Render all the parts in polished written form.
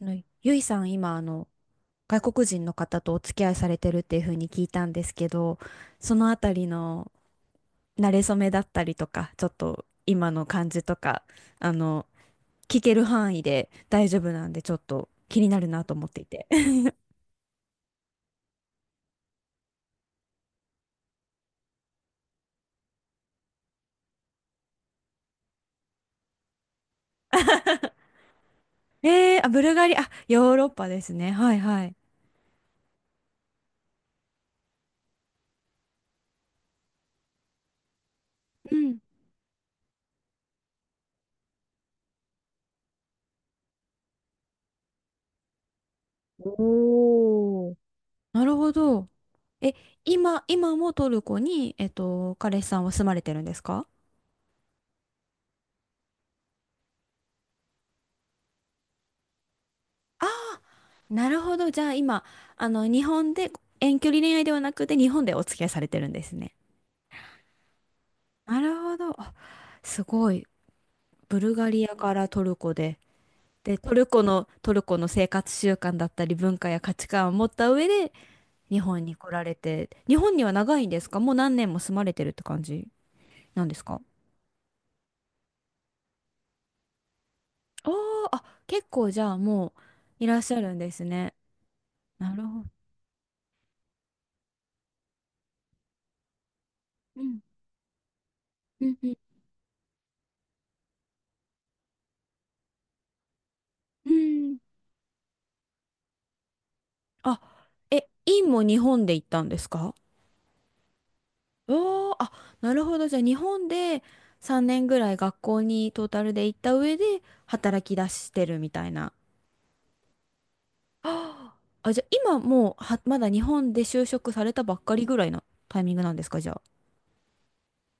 ゆいさん、今、外国人の方とお付き合いされてるっていうふうに聞いたんですけど、そのあたりの馴れ初めだったりとか、ちょっと今の感じとか、あの、聞ける範囲で大丈夫なんで、ちょっと気になるなと思っていて。あ、ブルガリア、あ、ヨーロッパですね。はいはい。うん。おー、なるほど。え、今もトルコに、彼氏さんは住まれてるんですか？なるほど。じゃあ今、日本で、遠距離恋愛ではなくて日本でお付き合いされてるんですね。なるほど。あ、すごい。ブルガリアからトルコで。で、トルコの生活習慣だったり文化や価値観を持った上で日本に来られて、日本には長いんですか？もう何年も住まれてるって感じなんですか？あー、あ、結構じゃあもういらっしゃるんですね。なるほど。うん、うん、うん。うん。あ、え、インも日本で行ったんですか？おー、あ、なるほど。じゃあ日本で3年ぐらい学校にトータルで行った上で働き出してるみたいな。あー、あ、じゃあ今もうは、まだ日本で就職されたばっかりぐらいのタイミングなんですか、じゃあ？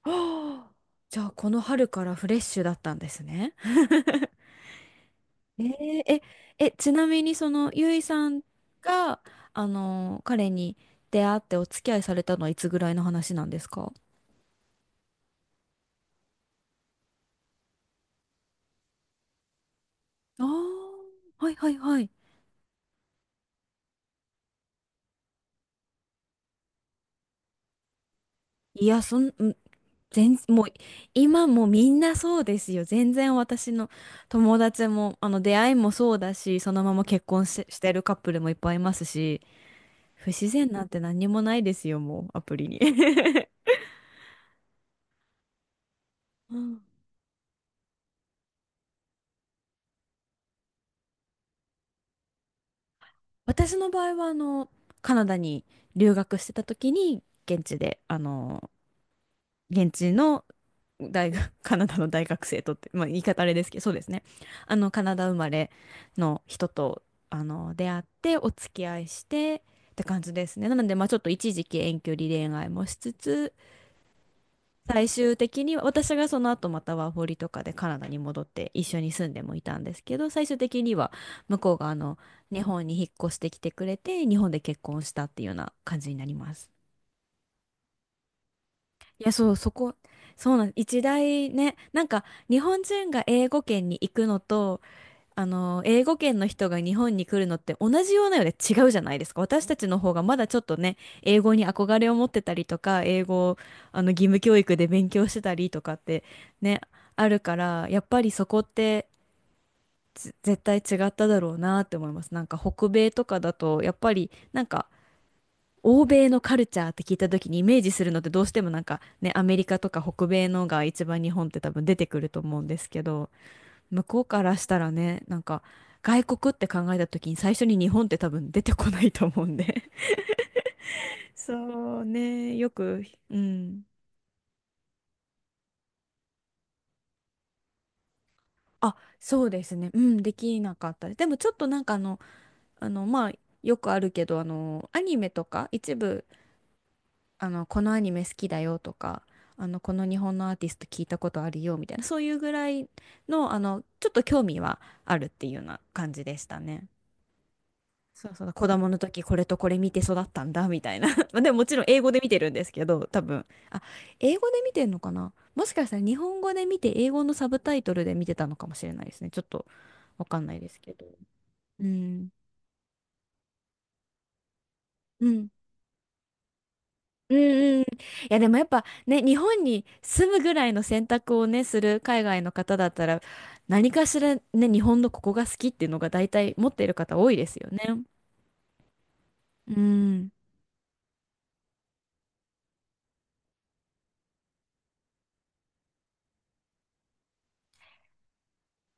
あー、じゃあこの春からフレッシュだったんですね。えー、え、ちなみにそのゆいさんが、彼に出会ってお付き合いされたのはいつぐらいの話なんですか？ああー、はいはいはい。いや、そん、ん全、もう、今もみんなそうですよ。全然私の友達も、出会いもそうだし、そのまま結婚し、してるカップルもいっぱいいますし、不自然なんて何にもないですよ、もう、アプリに。うん。私の場合は、カナダに留学してた時に、現地で、現地の大学、カナダの大学生とって、まあ、言い方あれですけど、そうですね。カナダ生まれの人と、出会って、お付き合いして、って感じですね。なので、まあ、ちょっと一時期遠距離恋愛もしつつ、最終的には、私がその後またワーホリとかでカナダに戻って一緒に住んでもいたんですけど、最終的には向こうが日本に引っ越してきてくれて、日本で結婚したっていうような感じになります。いや、そう、そこ、そうなん、一大ね、なんか日本人が英語圏に行くのと、英語圏の人が日本に来るのって同じようなようで違うじゃないですか。私たちの方がまだちょっとね、英語に憧れを持ってたりとか、英語を義務教育で勉強してたりとかってね、あるから、やっぱりそこって絶対違っただろうなって思います。なんか北米とかだと、やっぱりなんか欧米のカルチャーって聞いた時にイメージするのってどうしてもなんかね、アメリカとか北米のが一番日本って多分出てくると思うんですけど、向こうからしたらね、なんか外国って考えた時に最初に日本って多分出てこないと思うんで。そうね、よく、うん。あ、そうですね。うん、できなかったです。でもちょっとなんかまあ、よくあるけど、アニメとか一部このアニメ好きだよとか、この日本のアーティスト聞いたことあるよみたいな、そういうぐらいの、ちょっと興味はあるっていうような感じでしたね。そうそう、子供の時これとこれ見て育ったんだみたいな。まあでももちろん英語で見てるんですけど、多分。あ、英語で見てんのかな、もしかしたら日本語で見て英語のサブタイトルで見てたのかもしれないですね。ちょっとわかんないですけど。うん。うん。うん、うん。いやでもやっぱね、日本に住むぐらいの選択をね、する海外の方だったら、何かしらね、日本のここが好きっていうのが大体持っている方多いですよね。うん。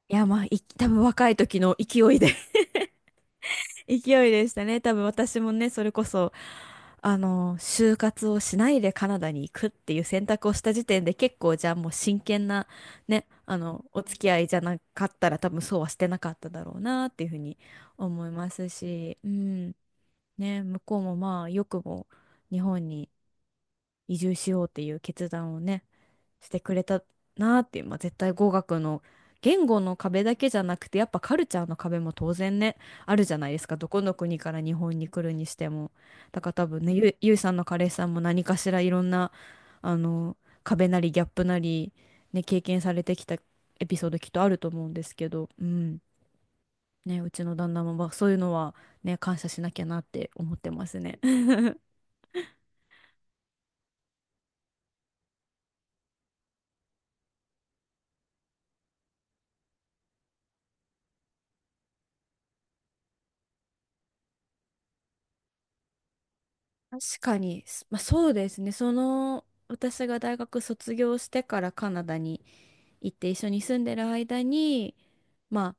いやまあ、多分若い時の勢いでしたね。多分私もね、それこそ、就活をしないでカナダに行くっていう選択をした時点で結構じゃあもう真剣なね、お付き合いじゃなかったら多分そうはしてなかっただろうなっていうふうに思いますし、うん。ね、向こうもまあよくも日本に移住しようっていう決断をね、してくれたなっていう、まあ、絶対語学の言語の壁だけじゃなくてやっぱカルチャーの壁も当然ねあるじゃないですか。どこの国から日本に来るにしても。だから多分ねゆいさんの彼氏さんも何かしらいろんなあの壁なりギャップなり、ね、経験されてきたエピソードきっとあると思うんですけど、うん。ね、うちの旦那もまあそういうのは、ね、感謝しなきゃなって思ってますね。確かに、まあ、そうですね。その、私が大学卒業してからカナダに行って一緒に住んでる間に、ま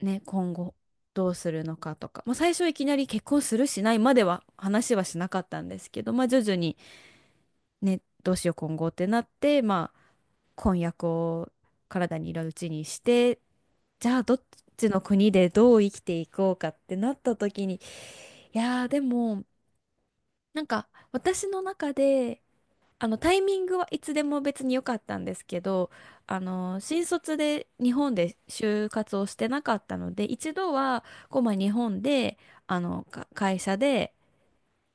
あね、今後どうするのかとか、まあ、最初いきなり結婚するしないまでは話はしなかったんですけど、まあ、徐々にね、どうしよう今後ってなって、まあ、婚約を体にいるうちにして、じゃあどっちの国でどう生きていこうかってなった時に、いやーでも、なんか私の中で、あのタイミングはいつでも別に良かったんですけど、新卒で日本で就活をしてなかったので、一度はこうまあ日本であのか会社で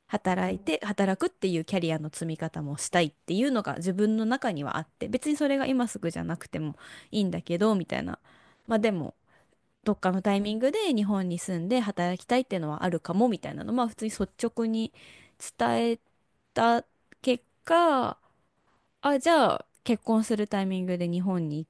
働いて働くっていうキャリアの積み方もしたいっていうのが自分の中にはあって、別にそれが今すぐじゃなくてもいいんだけどみたいな。まあでもどっかのタイミングで日本に住んで働きたいっていうのはあるかもみたいなのまあ普通に率直に伝えた結果。あ、じゃあ、結婚するタイミングで日本に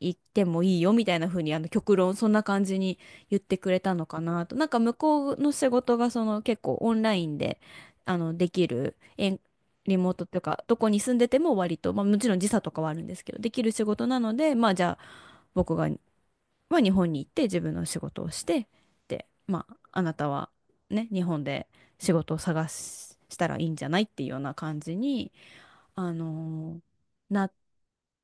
行ってもいいよみたいな風に、極論、そんな感じに言ってくれたのかなと。なんか、向こうの仕事が、その、結構オンラインで、できる、リモートというか、どこに住んでても割と、まあ、もちろん時差とかはあるんですけど、できる仕事なので、まあ、じゃあ、僕が、まあ、日本に行って自分の仕事をして、で、まあ、あなたは、ね、日本で仕事をしたらいいんじゃないっていうような感じに、あのーなっ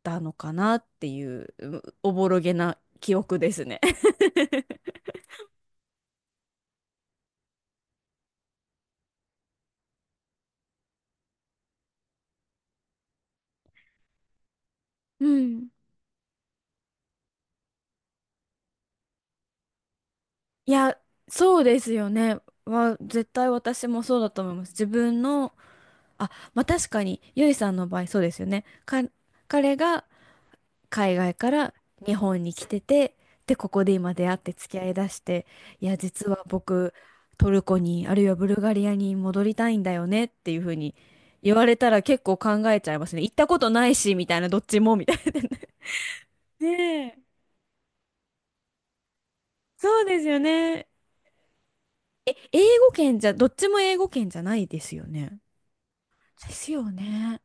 たのかなっていう、おぼろげな記憶ですね。うん。いや、そうですよね。絶対私もそうだと思います。自分の、あ、まあ確かに、ゆいさんの場合そうですよね。か、彼が海外から日本に来てて、で、ここで今出会って付き合いだして、いや、実は僕、トルコに、あるいはブルガリアに戻りたいんだよねっていうふうに言われたら結構考えちゃいますね。行ったことないし、みたいな、どっちも、みたいな。ねえ、そうですよね。え、英語圏じゃ、どっちも英語圏じゃないですよね。ですよね。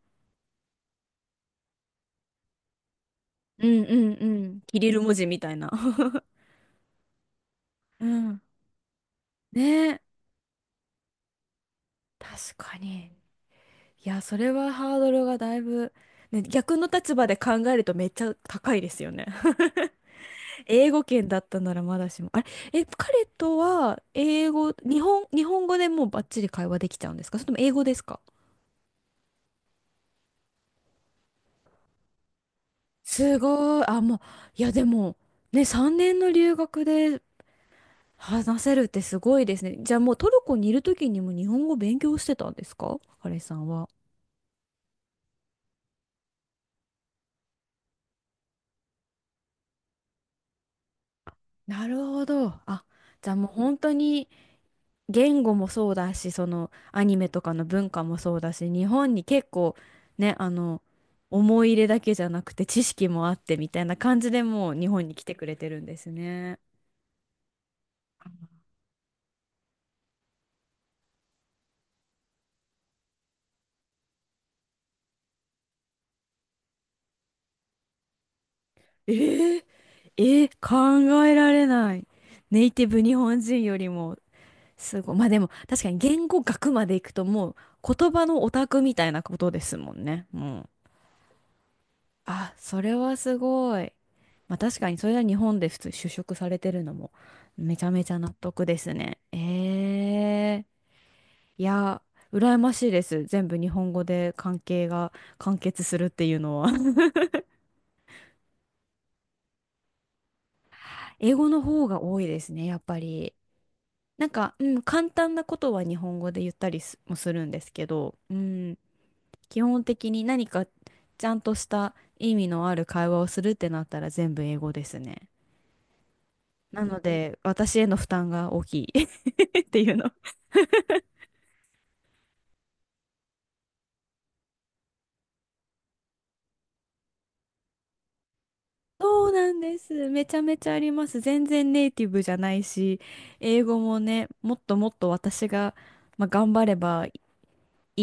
うんうんうん。キリル文字みたいな。うん。ねえ、確かに。いや、それはハードルがだいぶ、ね、逆の立場で考えるとめっちゃ高いですよね。英語圏だったならまだしも。あれ、え、彼とは英語、日本語でもうバッチリ会話できちゃうんですか？それとも英語ですか？すごい。あ、もう、いや、でも、ね、3年の留学で話せるってすごいですね。じゃあもうトルコにいる時にも日本語勉強してたんですか、彼さんは？なるほど。あ、じゃあもう本当に言語もそうだし、そのアニメとかの文化もそうだし、日本に結構ね、あの、思い入れだけじゃなくて知識もあってみたいな感じでもう日本に来てくれてるんですね。えー、えー考えられない。ネイティブ日本人よりもすごい。まあでも確かに言語学まで行くともう言葉のオタクみたいなことですもんね。うん。あ、それはすごい。まあ確かにそれは日本で普通就職されてるのもめちゃめちゃ納得ですね。ええ。いや、羨ましいです。全部日本語で関係が完結するっていうのは 英語の方が多いですね、やっぱり。なんか、うん、簡単なことは日本語で言ったりすもするんですけど、うん、基本的に何かちゃんとした意味のある会話をするってなったら全部英語ですね。なので、私への負担が大きい。っていうの。そうなんです。めちゃめちゃあります。全然ネイティブじゃないし、英語もね、もっともっと私が、まあ、頑張ればい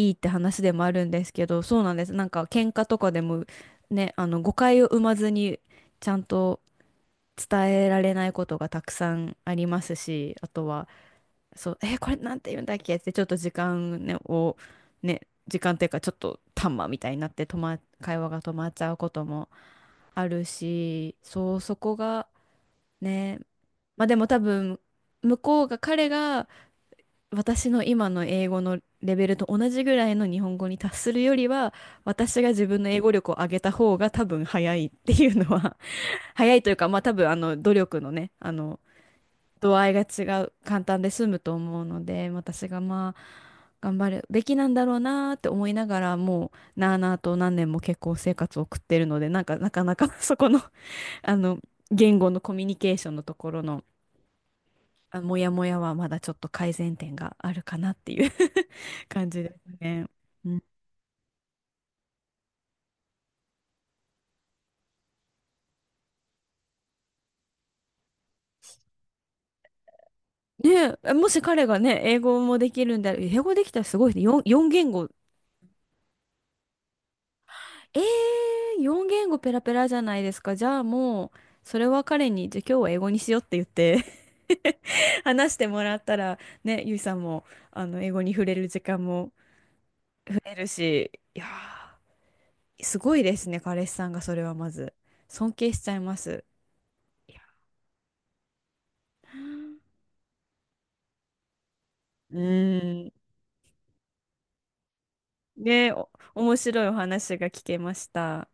いって話でもあるんですけど、そうなんです。なんか喧嘩とかでもね、あの誤解を生まずにちゃんと伝えられないことがたくさんありますし、あとは、そう、これなんて言うんだっけってちょっと時間ね、を、ね、時間っていうかちょっとタンマみたいになって会話が止まっちゃうこともあるし、そう、そこがね、まあでも多分、向こうが、彼が私の今の英語のレベルと同じぐらいの日本語に達するよりは、私が自分の英語力を上げた方が多分早いっていうのは 早いというか、まあ多分あの努力のね、あの度合いが違う、簡単で済むと思うので、私がまあ頑張るべきなんだろうなーって思いながら、もうなあなあと何年も結構生活を送ってるので、なんかなかなか そこのあの、言語のコミュニケーションのところの、あ、モヤモヤはまだちょっと改善点があるかなっていう 感じですね。うん。ねえ、もし彼がね、英語もできるんであれ、英語できたらすごいね。4、四言語。えー、4言語ペラペラじゃないですか。じゃあもう、それは彼に、じゃあ今日は英語にしようって言って 話してもらったら、ね、ゆいさんも、あの、英語に触れる時間も増えるし、いやー、すごいですね、彼氏さんがそれはまず。尊敬しちゃいます。いや、なあ。うーん。ね、面白いお話が聞けました。